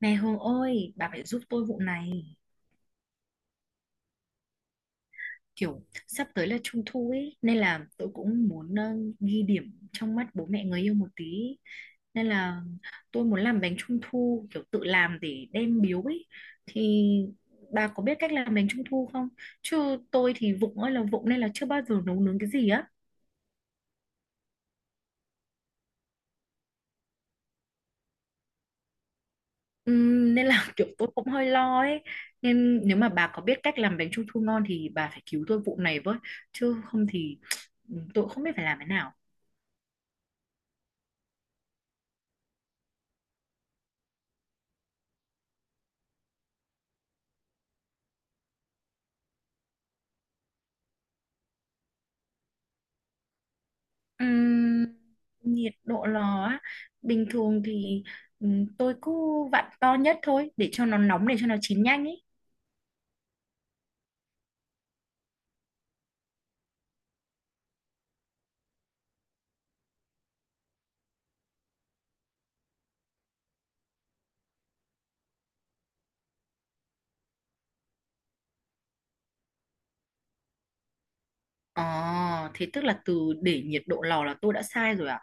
Này Hương ơi, bà phải giúp tôi vụ này. Kiểu sắp tới là trung thu ấy, nên là tôi cũng muốn ghi điểm trong mắt bố mẹ người yêu một tí. Nên là tôi muốn làm bánh trung thu, kiểu tự làm để đem biếu ấy. Thì bà có biết cách làm bánh trung thu không? Chứ tôi thì vụng ơi là vụng nên là chưa bao giờ nấu nướng cái gì á. Nên là kiểu tôi cũng hơi lo ấy. Nên nếu mà bà có biết cách làm bánh trung thu ngon thì bà phải cứu tôi vụ này với. Chứ không thì tôi cũng không biết phải làm thế nào. Ừm, Nhiệt độ lò á, bình thường thì tôi cứ vặn to nhất thôi để cho nó nóng để cho nó chín nhanh ấy. Ờ Thế tức là từ để nhiệt độ lò là tôi đã sai rồi ạ.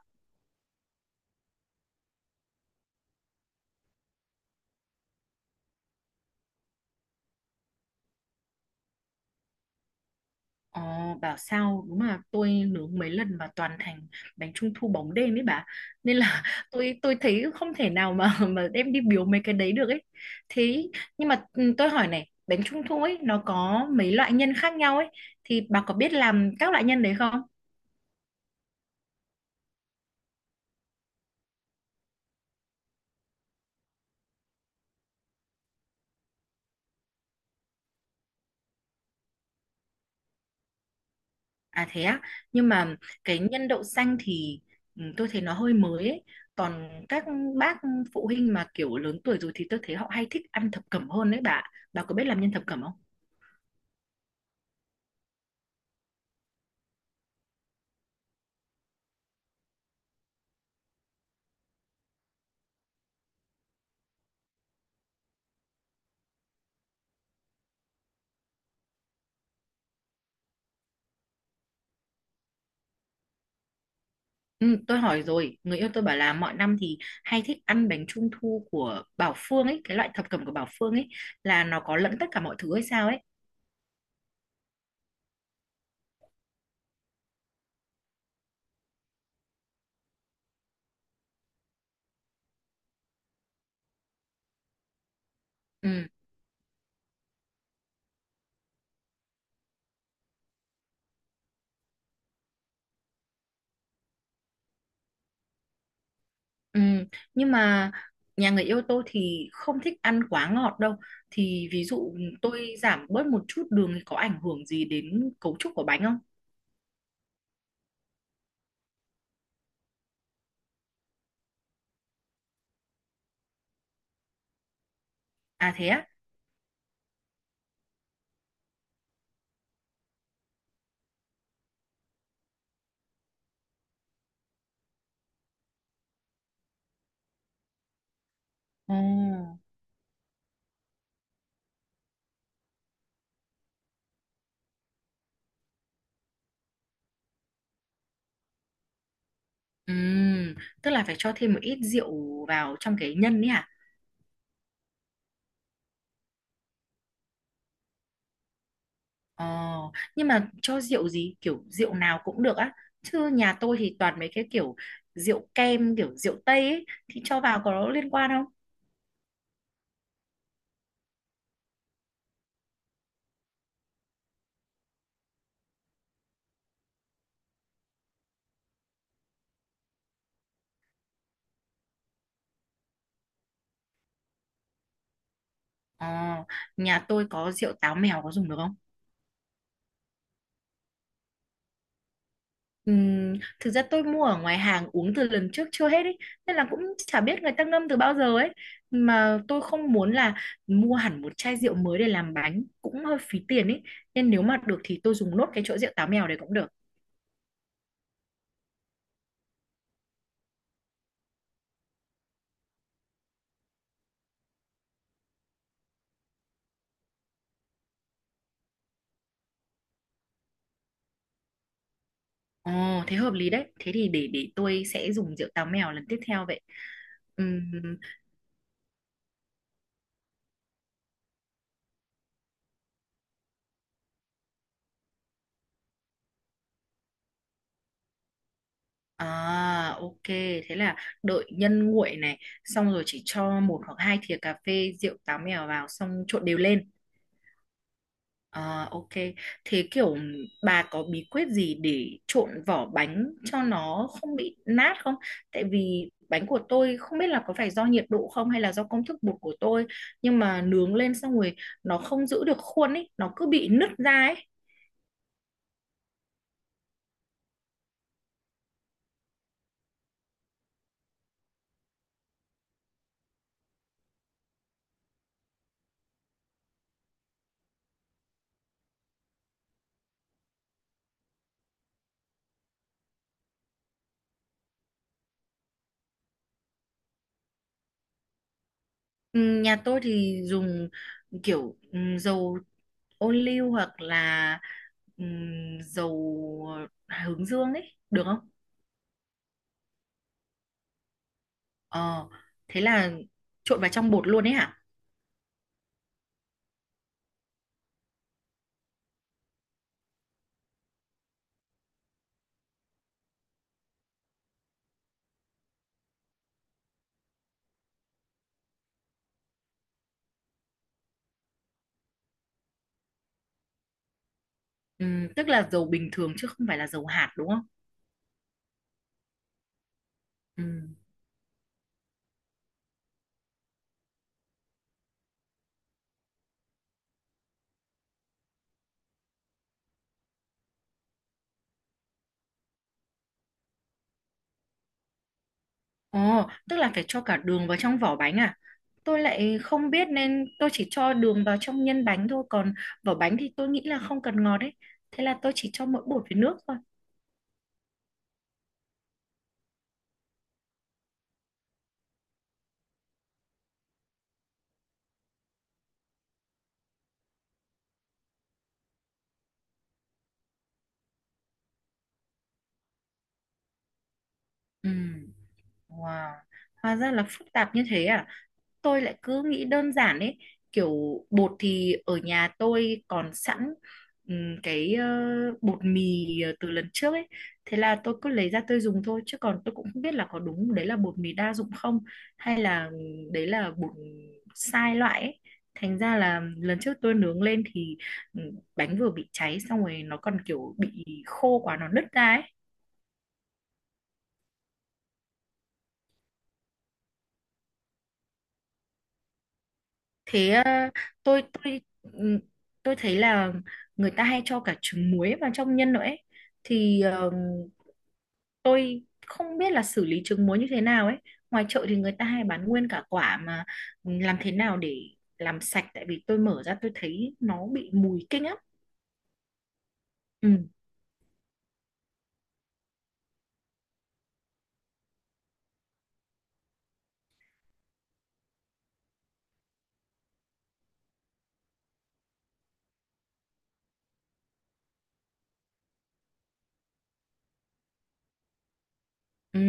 Ờ Bảo sao đúng là tôi nướng mấy lần mà toàn thành bánh trung thu bóng đêm ấy bà. Nên là tôi thấy không thể nào mà mà đem đi biếu mấy cái đấy được ấy. Thế nhưng mà tôi hỏi này, bánh trung thu ấy nó có mấy loại nhân khác nhau ấy, thì bà có biết làm các loại nhân đấy không? À thế á, nhưng mà cái nhân đậu xanh thì tôi thấy nó hơi mới ấy. Còn các bác phụ huynh mà kiểu lớn tuổi rồi thì tôi thấy họ hay thích ăn thập cẩm hơn đấy bà. Bà có biết làm nhân thập cẩm không? Ừ, tôi hỏi rồi, người yêu tôi bảo là mọi năm thì hay thích ăn bánh trung thu của Bảo Phương ấy, cái loại thập cẩm của Bảo Phương ấy là nó có lẫn tất cả mọi thứ hay sao ấy. Ừ. Ừ, nhưng mà nhà người yêu tôi thì không thích ăn quá ngọt đâu. Thì ví dụ tôi giảm bớt một chút đường thì có ảnh hưởng gì đến cấu trúc của bánh không? À thế á? Ồ. Ừ, tức là phải cho thêm một ít rượu vào trong cái nhân ấy à? Ờ, nhưng mà cho rượu gì? Kiểu rượu nào cũng được á. Chứ nhà tôi thì toàn mấy cái kiểu rượu kem, kiểu rượu Tây ấy. Thì cho vào có liên quan không? Ờ, Nhà tôi có rượu táo mèo có dùng được không? Ừm, Thực ra tôi mua ở ngoài hàng uống từ lần trước chưa hết ấy, nên là cũng chả biết người ta ngâm từ bao giờ ấy, mà tôi không muốn là mua hẳn một chai rượu mới để làm bánh cũng hơi phí tiền ấy, nên nếu mà được thì tôi dùng nốt cái chỗ rượu táo mèo đấy cũng được. Ồ thế hợp lý đấy, thế thì để tôi sẽ dùng rượu táo mèo lần tiếp theo vậy. Ừm, à ok, thế là đợi nhân nguội này xong rồi chỉ cho một hoặc hai thìa cà phê rượu táo mèo vào xong trộn đều lên. À, ok. Thế kiểu bà có bí quyết gì để trộn vỏ bánh cho nó không bị nát không? Tại vì bánh của tôi không biết là có phải do nhiệt độ không hay là do công thức bột của tôi, nhưng mà nướng lên xong rồi nó không giữ được khuôn ấy, nó cứ bị nứt ra ấy. Ừ, nhà tôi thì dùng kiểu dầu ô liu hoặc là ừ, dầu hướng dương ấy, được không? Ờ, thế là trộn vào trong bột luôn ấy hả? Ừ, tức là dầu bình thường chứ không phải là dầu hạt đúng không? Ừ. Ồ, tức là phải cho cả đường vào trong vỏ bánh à? Tôi lại không biết nên tôi chỉ cho đường vào trong nhân bánh thôi, còn vỏ bánh thì tôi nghĩ là không cần ngọt ấy. Thế là tôi chỉ cho mỗi bột với nước thôi. Ừ. Wow, hóa ra là phức tạp như thế à? Tôi lại cứ nghĩ đơn giản ấy, kiểu bột thì ở nhà tôi còn sẵn ừm, cái ờ, bột mì từ lần trước ấy, thế là tôi cứ lấy ra tôi dùng thôi chứ còn tôi cũng không biết là có đúng đấy là bột mì đa dụng không hay là đấy là bột sai loại ấy. Thành ra là lần trước tôi nướng lên thì bánh vừa bị cháy xong rồi nó còn kiểu bị khô quá nó nứt ra ấy. Thế tôi tôi ừm, tôi thấy là người ta hay cho cả trứng muối vào trong nhân nữa ấy. Thì tôi không biết là xử lý trứng muối như thế nào ấy. Ngoài chợ thì người ta hay bán nguyên cả quả, mà làm thế nào để làm sạch, tại vì tôi mở ra tôi thấy nó bị mùi kinh lắm. Ừ. Ừ,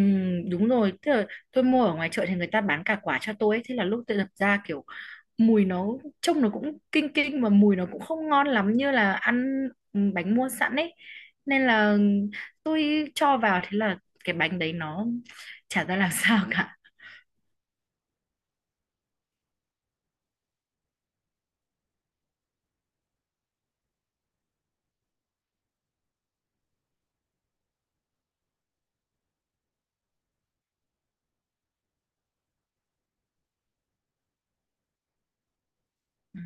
đúng rồi, tức là tôi mua ở ngoài chợ thì người ta bán cả quả cho tôi ấy. Thế là lúc tôi đập ra kiểu mùi nó, trông nó cũng kinh kinh và mùi nó cũng không ngon lắm như là ăn bánh mua sẵn ấy, nên là tôi cho vào thế là cái bánh đấy nó chả ra làm sao cả ừ,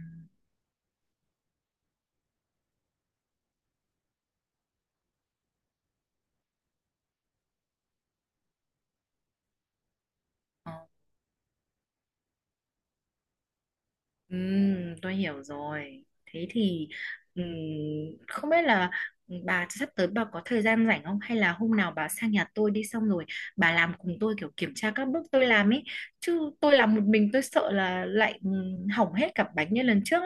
Ờ. Tôi hiểu rồi, thế thì ừm, không biết là bà sắp tới bà có thời gian rảnh không, hay là hôm nào bà sang nhà tôi đi xong rồi bà làm cùng tôi kiểu kiểm tra các bước tôi làm ấy, chứ tôi làm một mình tôi sợ là lại hỏng hết cả bánh như lần trước.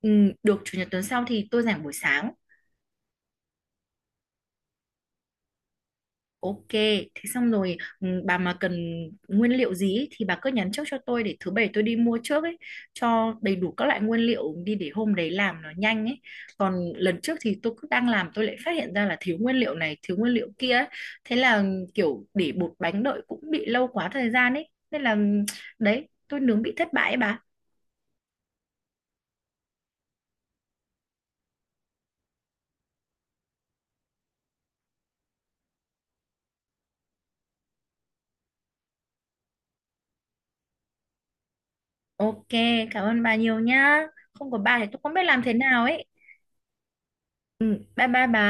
Ừ, được, chủ nhật tuần sau thì tôi rảnh buổi sáng. Ok, thế xong rồi bà mà cần nguyên liệu gì ý, thì bà cứ nhắn trước cho tôi để thứ bảy tôi đi mua trước ấy, cho đầy đủ các loại nguyên liệu đi để hôm đấy làm nó nhanh ấy. Còn lần trước thì tôi cứ đang làm tôi lại phát hiện ra là thiếu nguyên liệu này, thiếu nguyên liệu kia ấy. Thế là kiểu để bột bánh đợi cũng bị lâu quá thời gian ấy. Nên là đấy, tôi nướng bị thất bại ấy bà. Ok, cảm ơn bà nhiều nhá. Không có bà thì tôi không biết làm thế nào ấy. Ừ, bye bye bà.